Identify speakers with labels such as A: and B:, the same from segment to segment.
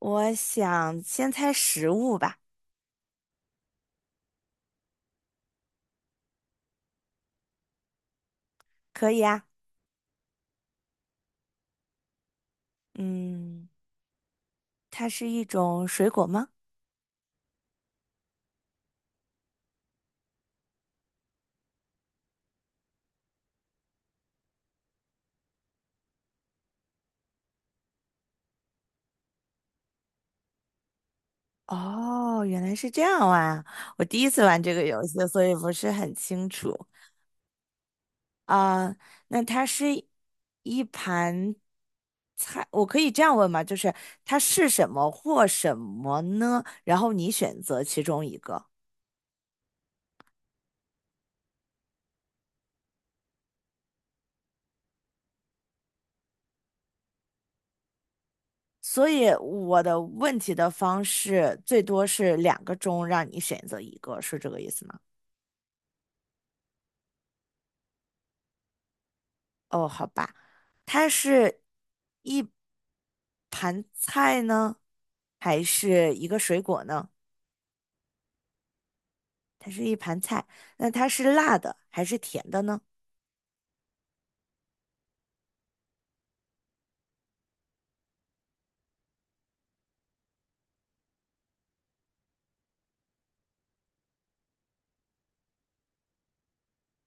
A: 我想先猜食物吧，可以啊。嗯，它是一种水果吗？哦，原来是这样啊！我第一次玩这个游戏，所以不是很清楚啊。那它是一盘菜，我可以这样问吗？就是它是什么或什么呢？然后你选择其中一个。所以我的问题的方式最多是两个中让你选择一个，是这个意思吗？哦，好吧。它是一盘菜呢，还是一个水果呢？它是一盘菜，那它是辣的还是甜的呢？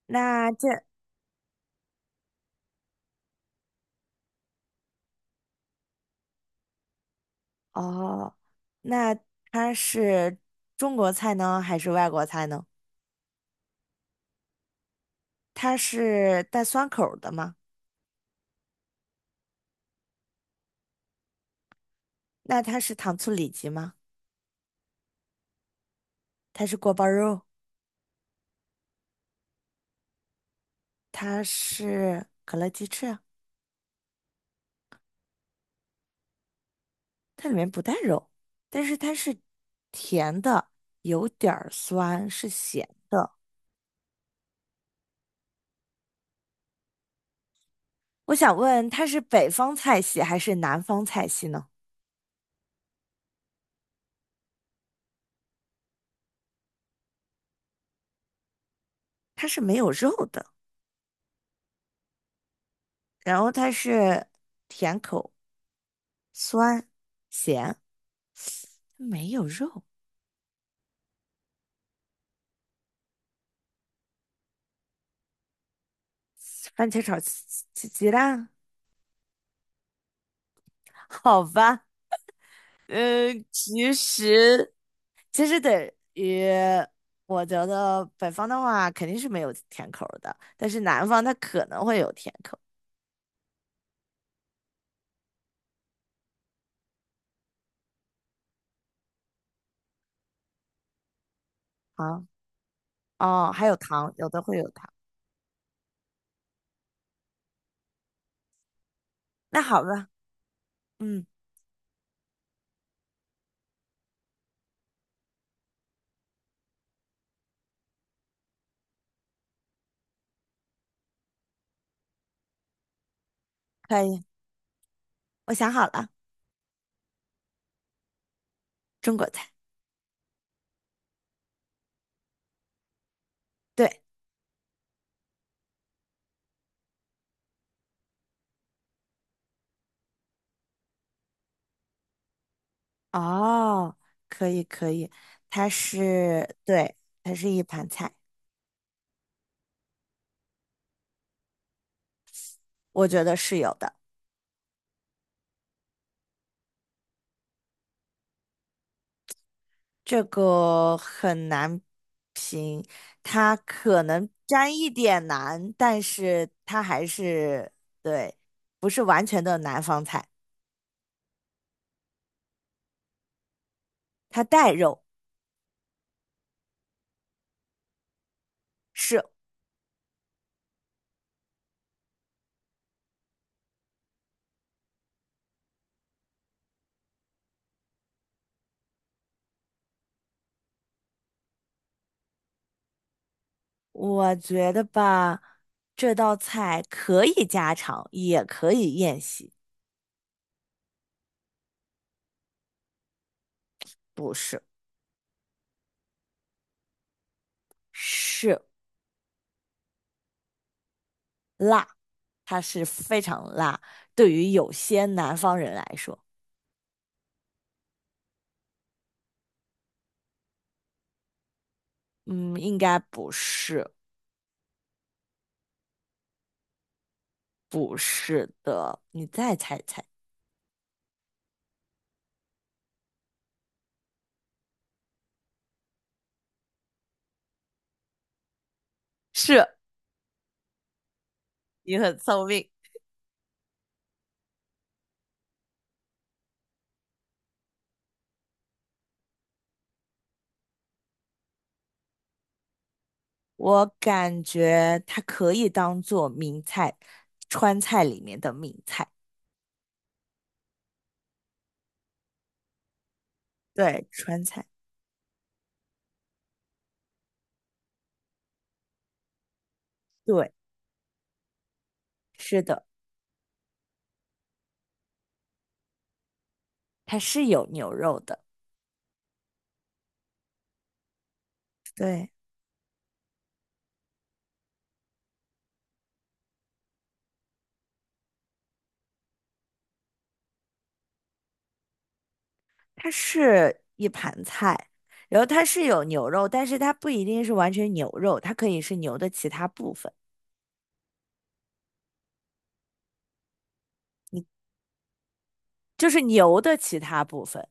A: 那这哦，那它是中国菜呢，还是外国菜呢？它是带酸口儿的吗？那它是糖醋里脊吗？它是锅包肉？它是可乐鸡翅啊？它里面不带肉，但是它是甜的，有点儿酸，是咸的。我想问，它是北方菜系还是南方菜系呢？它是没有肉的，然后它是甜口、酸、咸，没有肉。番茄炒鸡蛋，好吧。呃，其实其实等于我觉得北方的话肯定是没有甜口儿的，但是南方它可能会有甜口啊。哦，还有糖，有的会有糖。那好吧，嗯，可以，我想好了，中国菜。对。哦，可以可以，它是，对，它是一盘菜，我觉得是有的，这个很难评，它可能沾一点难，但是它还是，对，不是完全的南方菜，它带肉，是，我觉得吧，这道菜可以家常，也可以宴席，不是，是。辣，它是非常辣。对于有些南方人来说，嗯，应该不是，不是的。你再猜一猜，是你很聪明。我感觉它可以当做名菜，川菜里面的名菜。对，川菜。对，是的，它是有牛肉的。对，它是一盘菜，然后它是有牛肉，但是它不一定是完全牛肉，它可以是牛的其他部分。就是牛的其他部分，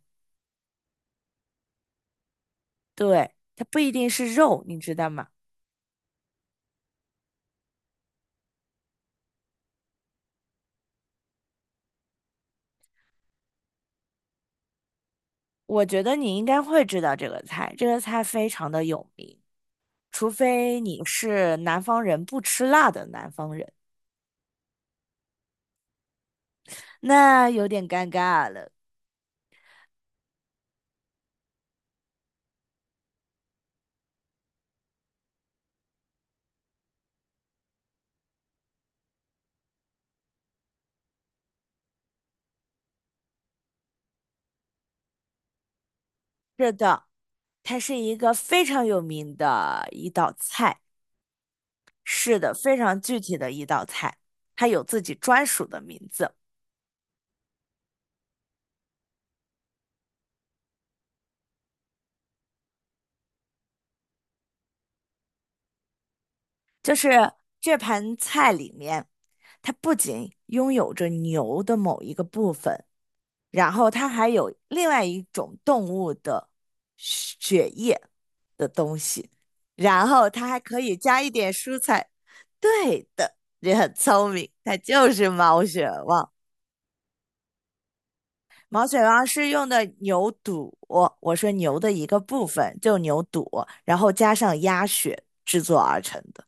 A: 对，它不一定是肉，你知道吗？我觉得你应该会知道这个菜，这个菜非常的有名，除非你是南方人不吃辣的南方人，那有点尴尬了。是的，它是一个非常有名的一道菜，是的，非常具体的一道菜，它有自己专属的名字，就是这盘菜里面。它不仅拥有着牛的某一个部分，然后它还有另外一种动物的血液的东西，然后它还可以加一点蔬菜。对的，人很聪明，它就是毛血旺。毛血旺是用的牛肚，我说牛的一个部分，就牛肚，然后加上鸭血制作而成的。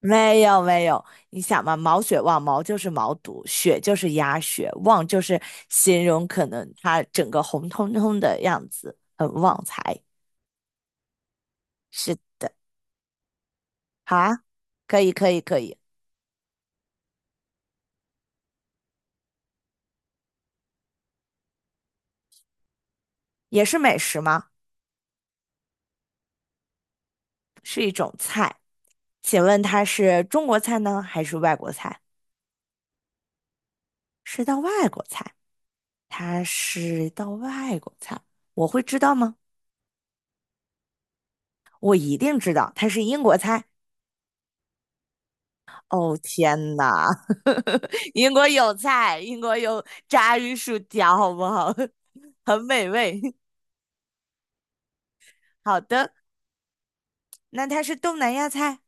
A: 没有没有，你想嘛，毛血旺，毛就是毛肚，血就是鸭血，旺就是形容可能它整个红彤彤的样子，很旺财。是，好啊，可以可以可以，也是美食吗？是一种菜，请问它是中国菜呢，还是外国菜？是道外国菜，它是道外国菜，我会知道吗？我一定知道，它是英国菜。哦天呐，英国有菜，英国有炸鱼薯条，好不好？很美味。好的，那它是东南亚菜。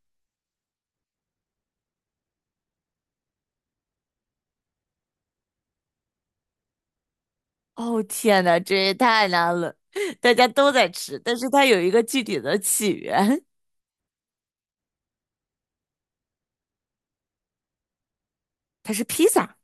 A: 哦天呐，这也太难了，大家都在吃，但是它有一个具体的起源，它是披萨，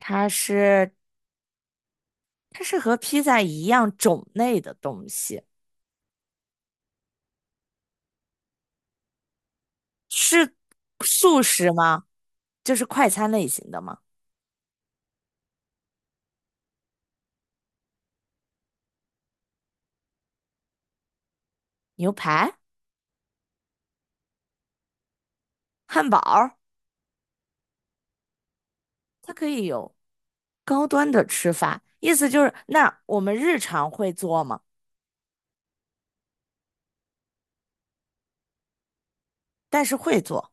A: 它是它是和披萨一样种类的东西，是素食吗？就是快餐类型的吗？牛排、汉堡，它可以有。高端的吃法，意思就是那我们日常会做吗？但是会做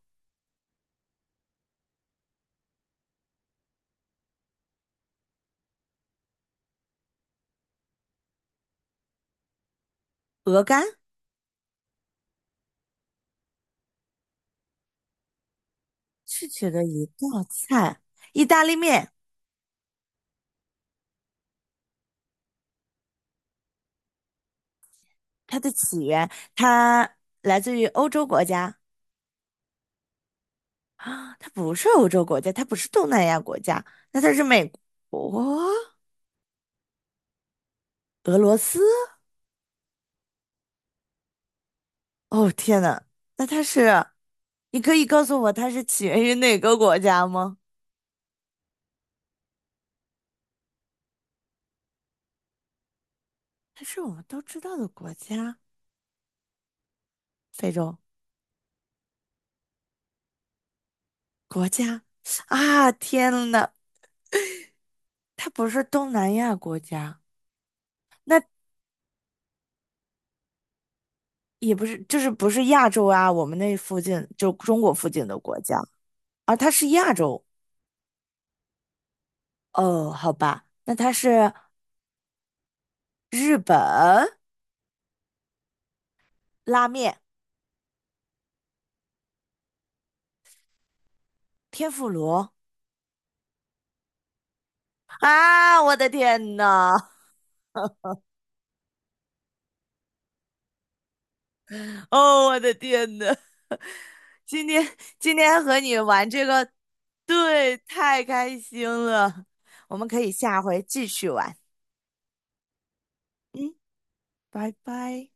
A: 鹅肝是指的一道菜，意大利面它的起源它来自于欧洲国家啊，它不是欧洲国家，它不是东南亚国家，那它是美国、俄罗斯？哦天呐，那它是你可以告诉我它是起源于哪个国家吗？它是我们都知道的国家，非洲国家啊！天呐，它不是东南亚国家，也不是，就是不是亚洲啊，我们那附近就中国附近的国家啊，它是亚洲。哦，好吧，那它是日本拉面、天妇罗啊！我的天呐，哦，我的天呐，今天和你玩这个，对，太开心了，我们可以下回继续玩。嗯，拜拜。